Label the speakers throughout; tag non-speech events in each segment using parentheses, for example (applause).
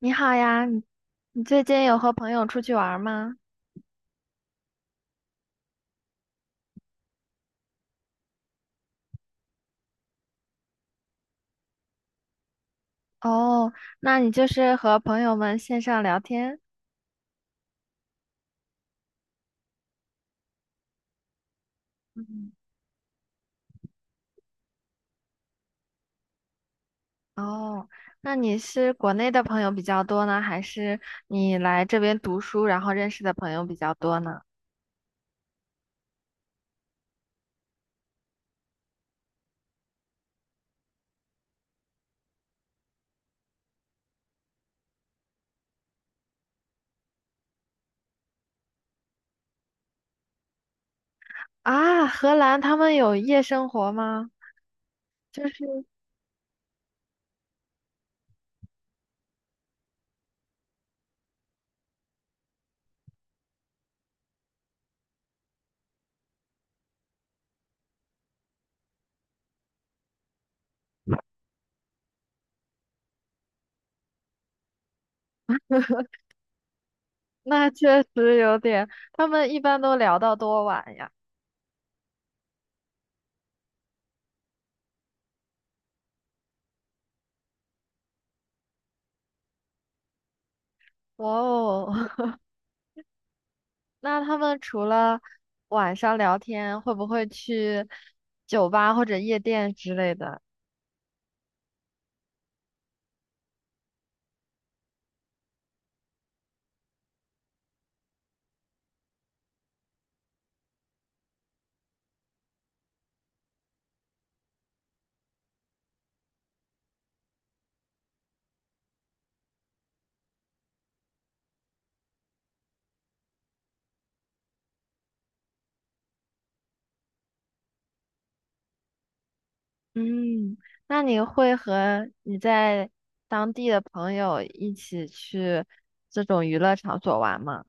Speaker 1: 你好呀，你最近有和朋友出去玩儿吗？哦，那你就是和朋友们线上聊天？嗯，哦，那你是国内的朋友比较多呢，还是你来这边读书然后认识的朋友比较多呢？啊，荷兰他们有夜生活吗？就是 (laughs) 那确实有点，他们一般都聊到多晚呀。哇哦，(laughs) 那他们除了晚上聊天，会不会去酒吧或者夜店之类的？嗯，那你会和你在当地的朋友一起去这种娱乐场所玩吗？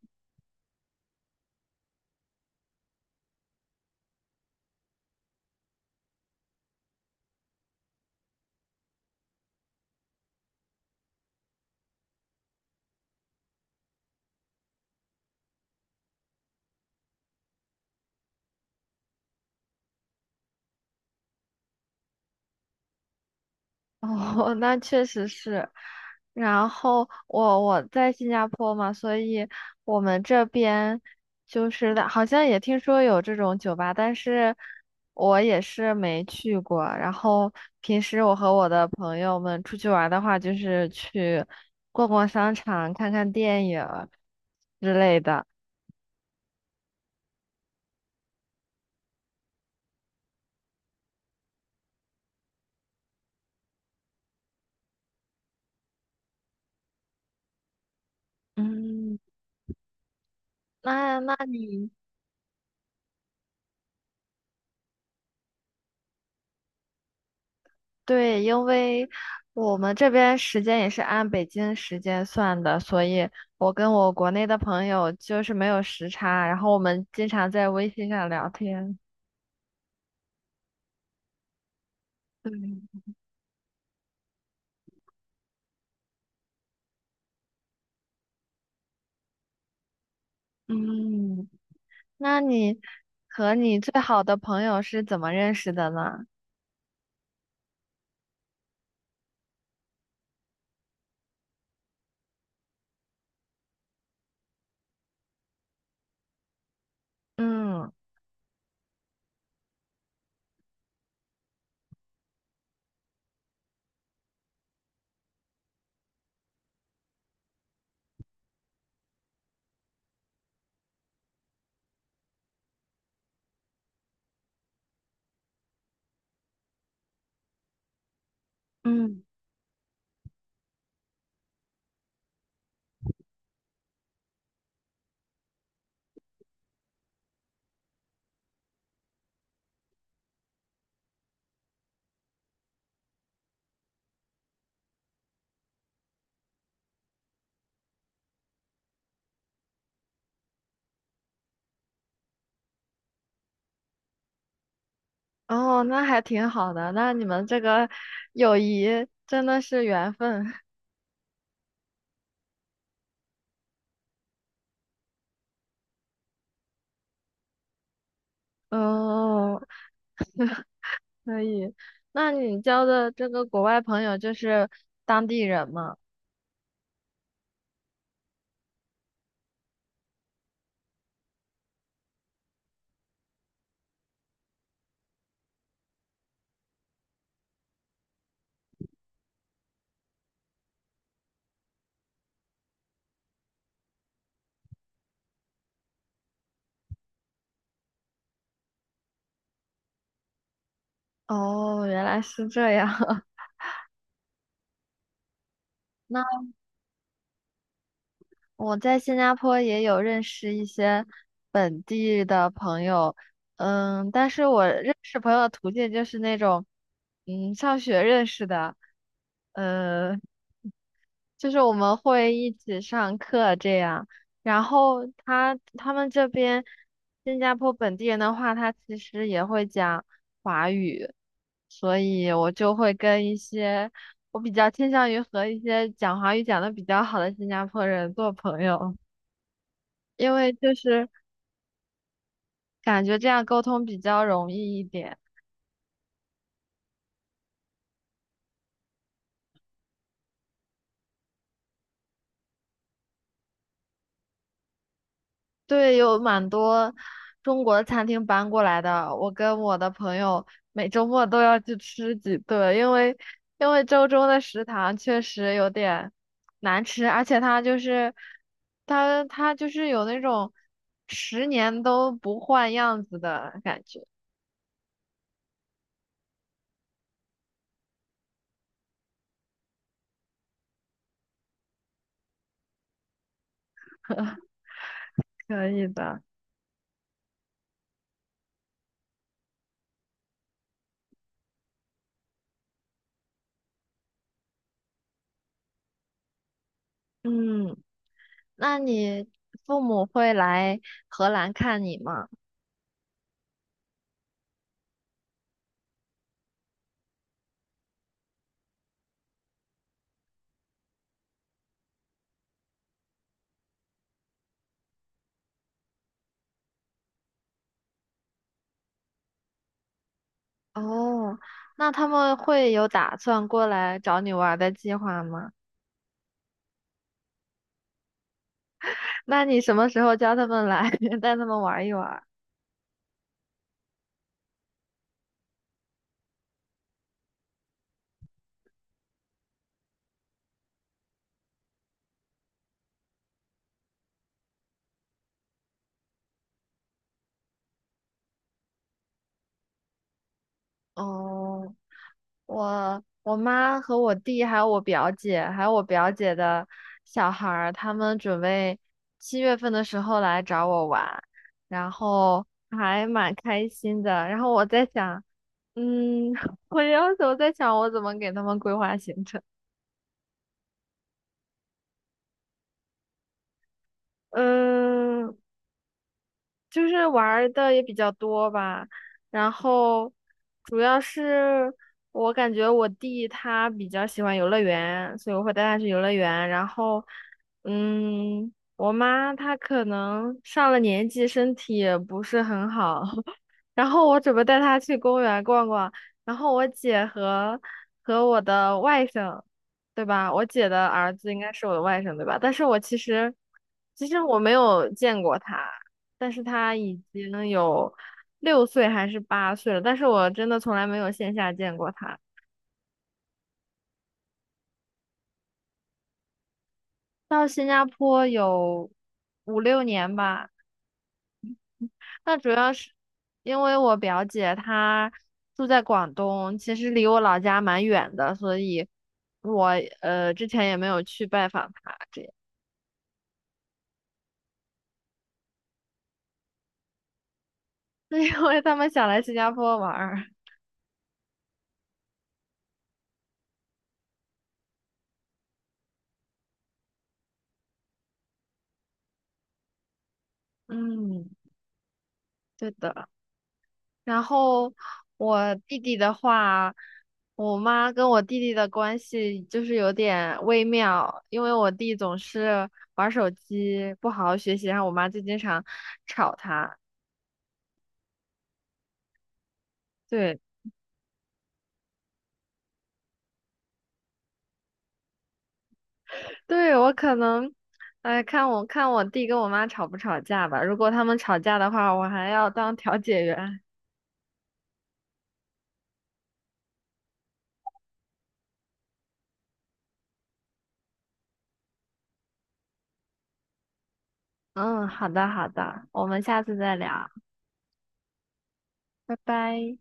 Speaker 1: 哦，(laughs) 那确实是。然后我在新加坡嘛，所以我们这边就是的好像也听说有这种酒吧，但是我也是没去过。然后平时我和我的朋友们出去玩的话，就是去逛逛商场、看看电影之类的。嗯，那那你对，因为我们这边时间也是按北京时间算的，所以我跟我国内的朋友就是没有时差，然后我们经常在微信上聊天。对，嗯，那你和你最好的朋友是怎么认识的呢？嗯嗯，哦，那还挺好的，那你们这个友谊真的是缘分。(laughs) 哦。可以，那你交的这个国外朋友就是当地人吗？哦，原来是这样。(laughs) 那我在新加坡也有认识一些本地的朋友，嗯，但是我认识朋友的途径就是那种，上学认识的，嗯。就是我们会一起上课这样。然后他们这边新加坡本地人的话，他其实也会讲华语，所以我就会跟一些我比较倾向于和一些讲华语讲的比较好的新加坡人做朋友，因为就是感觉这样沟通比较容易一点。对，有蛮多中国的餐厅搬过来的。我跟我的朋友每周末都要去吃几顿，因为周中的食堂确实有点难吃，而且它就是有那种10年都不换样子的感觉。可以的，嗯，那你父母会来荷兰看你吗？哦，那他们会有打算过来找你玩儿的计划吗？那你什么时候叫他们来，(laughs) 带他们玩一玩？哦，我妈和我弟还有我表姐，还有我表姐的小孩儿，他们准备7月份的时候来找我玩，然后还蛮开心的。然后我在想，嗯，(laughs) 我有时候在想，我怎么给他们规划行程。嗯，就是玩儿的也比较多吧，然后主要是我感觉我弟他比较喜欢游乐园，所以我会带他去游乐园。然后，嗯，我妈她可能上了年纪，身体也不是很好，(laughs) 然后我准备带他去公园逛逛，然后我姐和我的外甥，对吧？我姐的儿子应该是我的外甥，对吧？但是我其实我没有见过他，但是他已经有6岁还是8岁了，但是我真的从来没有线下见过他。到新加坡有五六年吧。那主要是因为我表姐她住在广东，其实离我老家蛮远的，所以我之前也没有去拜访她，这样，(laughs) 因为他们想来新加坡玩儿。嗯，对的。然后我弟弟的话，我妈跟我弟弟的关系就是有点微妙，因为我弟总是玩手机，不好好学习，然后我妈就经常吵他。对，对，我可能，哎，看我弟跟我妈吵不吵架吧。如果他们吵架的话，我还要当调解员。嗯，好的好的，我们下次再聊，拜拜。